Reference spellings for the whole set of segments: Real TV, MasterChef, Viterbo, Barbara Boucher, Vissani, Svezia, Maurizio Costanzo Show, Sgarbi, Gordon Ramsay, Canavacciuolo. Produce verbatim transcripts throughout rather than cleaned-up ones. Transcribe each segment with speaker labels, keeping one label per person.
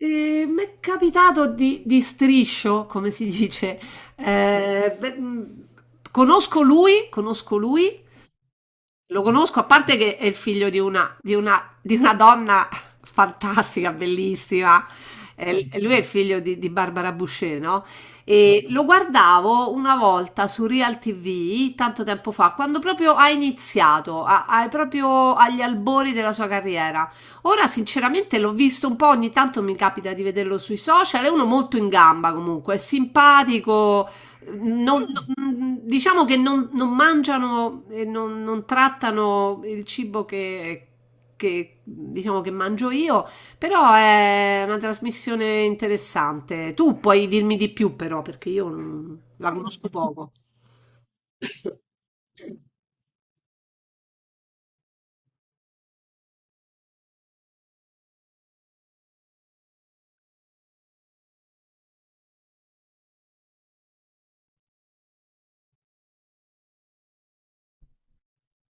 Speaker 1: Ehm, m'è capitato di di striscio, come si dice. Ehm, beh, mhmm, conosco lui conosco lui, lo conosco, a parte che è il figlio di una, di una- di una donna fantastica, bellissima. Eh, lui è il figlio di, di Barbara Boucher, no? E lo guardavo una volta su Real T V, tanto tempo fa, quando proprio ha iniziato, a- a- proprio agli albori della sua carriera. Ora, sinceramente, l'ho visto un po', ogni tanto mi capita di vederlo sui social, è uno molto in gamba comunque, è simpatico, non- non- mm, diciamo che non, non mangiano e non, non trattano il cibo che, che, diciamo che mangio io, però è una trasmissione interessante. Tu puoi dirmi di più, però, perché io non- la conosco poco.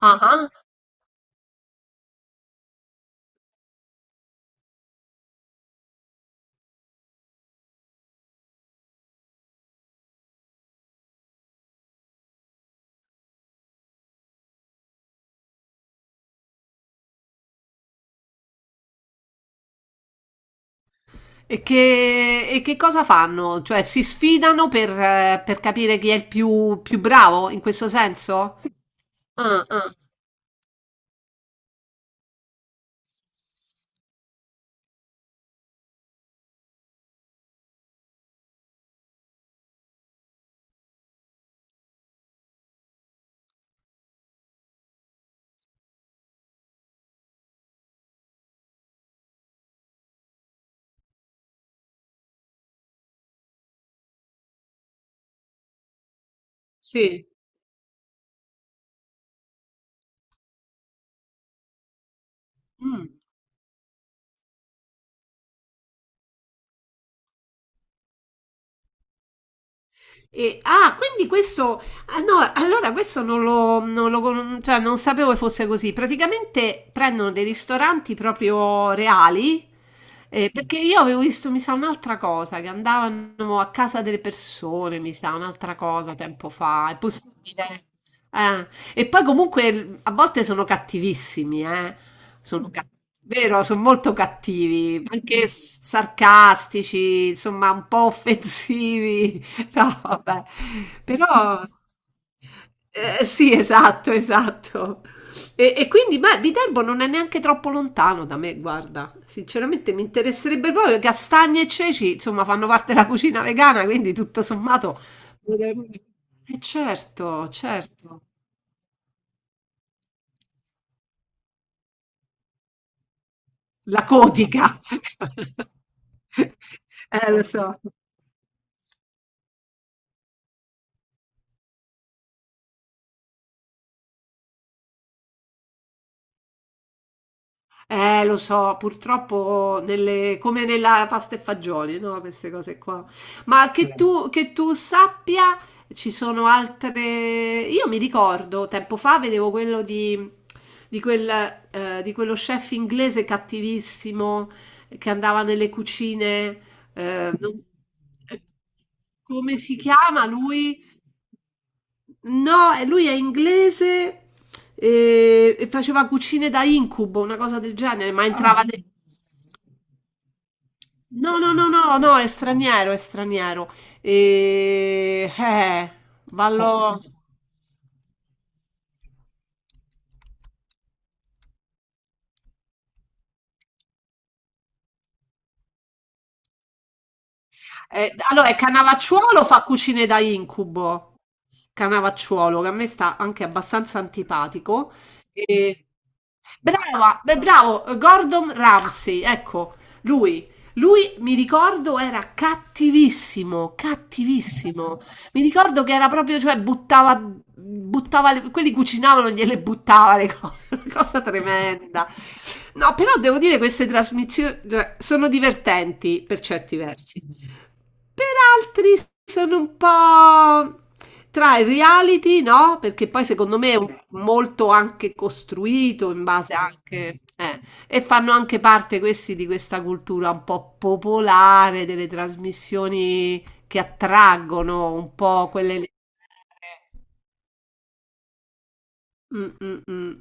Speaker 1: Ah, ah. E che, e che cosa fanno? Cioè, si sfidano per, eh, per capire chi è il più, più bravo in questo senso? Ah, ah, sì. Mm. E- ah, quindi questo, ah, no, allora questo non lo, non lo con- cioè non sapevo che fosse così. Praticamente prendono dei ristoranti proprio reali, eh, perché io avevo visto, mi sa, un'altra cosa, che andavano a casa delle persone, mi sa, un'altra cosa tempo fa. È possibile? Eh, E poi comunque a volte sono cattivissimi, eh. Sono cattivi. Vero, sono molto cattivi, anche s- sarcastici, insomma, un po' offensivi. No, vabbè. Però eh, sì, esatto, esatto. E, e quindi, beh, Viterbo non è neanche troppo lontano da me, guarda. Sinceramente mi interesserebbe proprio. Castagne e ceci, insomma, fanno parte della cucina vegana, quindi tutto sommato. E certo, certo. La codica. Eh, lo so. Eh, lo so, purtroppo nelle- come nella pasta e fagioli, no? Queste cose qua. Ma che Eh, tu, che tu sappia, ci sono altre. Io mi ricordo, tempo fa vedevo quello di, di quel, eh, di quello chef inglese cattivissimo che andava nelle cucine. eh, non- eh, Come si chiama lui? No, eh, lui è inglese e, e faceva cucine da incubo, una cosa del genere, ma Ah, entrava, ah. ne- no, no, no, no, no, è straniero, è straniero. E... Eh, vallo... eh, allora, è Canavacciuolo fa cucine da incubo. Canavacciuolo, che a me sta anche abbastanza antipatico. Brava, beh, bravo, Gordon Ramsay, ecco, lui. Lui, mi ricordo, era cattivissimo, cattivissimo. Mi ricordo che era proprio, cioè, buttava, buttava le- quelli cucinavano, gliele buttava le cose, una cosa tremenda. No, però devo dire queste trasmissioni, cioè, sono divertenti per certi versi. Per altri sono un po' tra il reality, no? Perché poi secondo me è un- molto anche costruito in base anche. Eh, e fanno anche parte questi di questa cultura un po' popolare, delle trasmissioni che attraggono un po' quelle. Mm, mm, mm.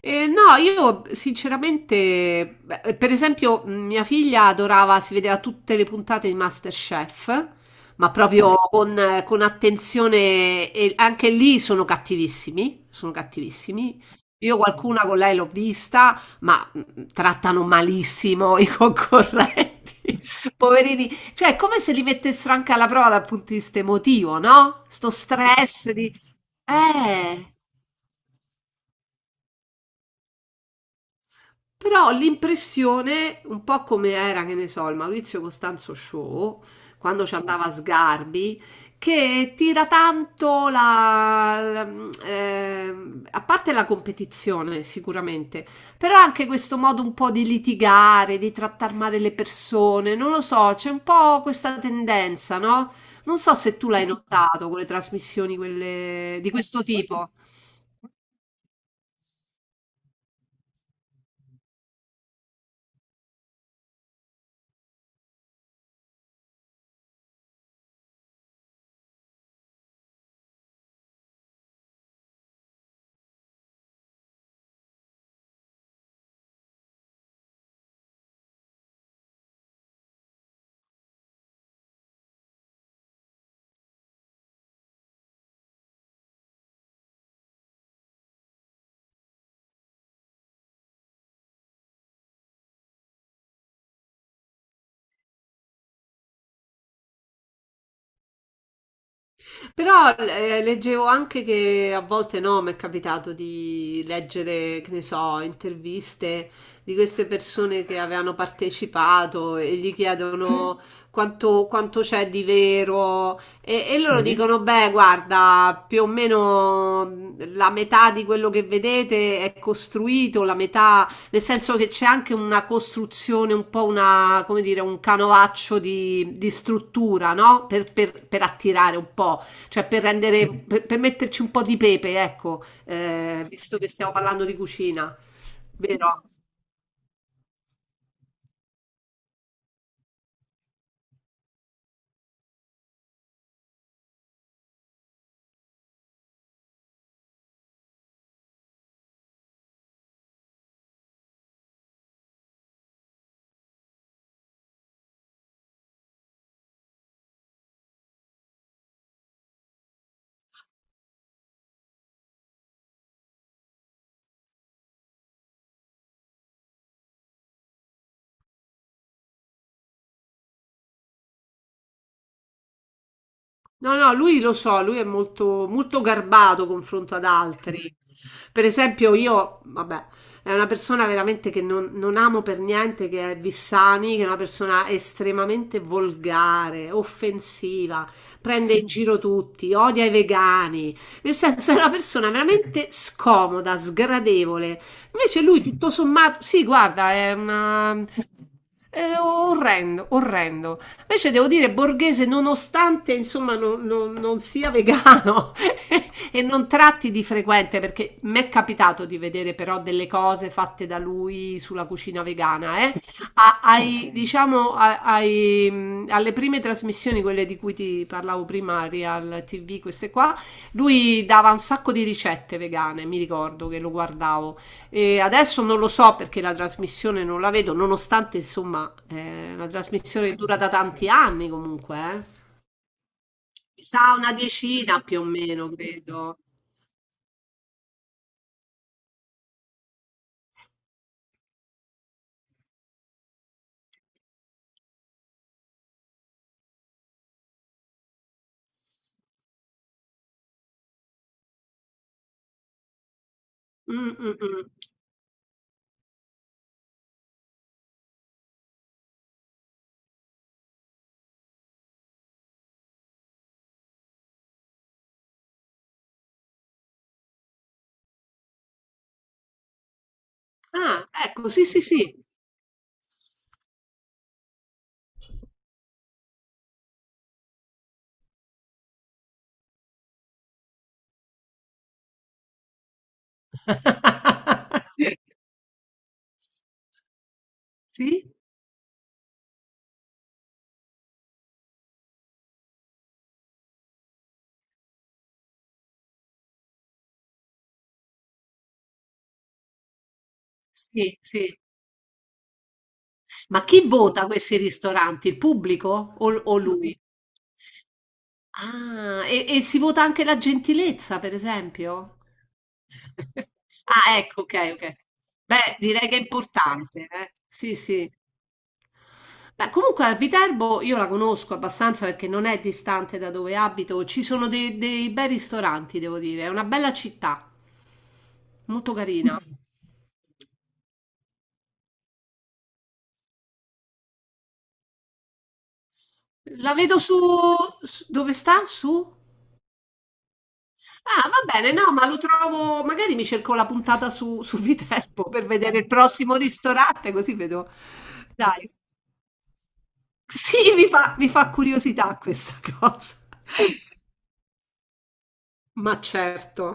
Speaker 1: Eh, no, io sinceramente, beh, per esempio, mh, mia figlia adorava, si vedeva tutte le puntate di MasterChef, ma proprio con, eh, con attenzione, e anche lì sono cattivissimi, sono cattivissimi. Io qualcuna con lei l'ho vista, ma mh, trattano malissimo i concorrenti, poverini. Cioè, è come se li mettessero anche alla prova dal punto di vista emotivo, no? Sto stress di. Eh, Però l'impressione, un po' come era, che ne so, il Maurizio Costanzo Show, quando ci andava a Sgarbi, che tira tanto la, la- ehm, a parte la competizione sicuramente, però anche questo modo un po' di litigare, di trattare male le persone, non lo so, c'è un po' questa tendenza, no? Non so se tu l'hai notato con le trasmissioni quelle di questo tipo. Però eh, leggevo anche che a volte no, mi è capitato di leggere, che ne so, interviste di queste persone che avevano partecipato e gli chiedono quanto, quanto c'è di vero e, e loro dicono, beh, guarda, più o meno mh, la metà di quello che vedete è costruito, la metà, nel senso che c'è anche una costruzione, un po' una, come dire, un canovaccio di, di struttura, no? per per- per attirare un po'. Cioè per rendere, per, per metterci un po' di pepe, ecco, eh, visto che stiamo parlando di cucina, vero? No, no, lui lo so, lui è molto, molto garbato confronto ad altri. Per esempio, io, vabbè, è una persona veramente che non, non amo per niente, che è Vissani, che è una persona estremamente volgare, offensiva, prende in giro tutti, odia i vegani, nel senso è una persona veramente scomoda, sgradevole. Invece lui, tutto sommato, sì, guarda, è una, è orrendo, orrendo. Invece devo dire borghese, nonostante insomma non, non- non sia vegano e non tratti di frequente, perché mi è capitato di vedere però delle cose fatte da lui sulla cucina vegana, eh. A- ai- diciamo, a- ai, mh, alle prime trasmissioni, quelle di cui ti parlavo prima, Real T V, queste qua, lui dava un sacco di ricette vegane, mi ricordo che lo guardavo e adesso non lo so perché la trasmissione non la vedo, nonostante insomma eh, una trasmissione che dura da tanti anni comunque, eh. Mi sa una decina più o meno, credo. Mm, mm, mm. Ah, ecco, sì, sì, sì. Sì? Sì, sì. Ma chi vota questi ristoranti? Il pubblico o, o lui? Ah, e, e si vota anche la gentilezza, per esempio? Ah, ecco, okay, okay. Beh, direi che è importante, eh. Sì, sì. Beh, comunque a Viterbo io la conosco abbastanza perché non è distante da dove abito. Ci sono dei, dei bei ristoranti, devo dire. È una bella città, molto carina. La vedo su, su- dove sta? Su? Ah, va bene, no, ma lo trovo. Magari mi cerco la puntata su, su Viterbo per vedere il prossimo ristorante, così vedo. Dai, sì, mi fa, mi fa curiosità questa cosa. Ma certo,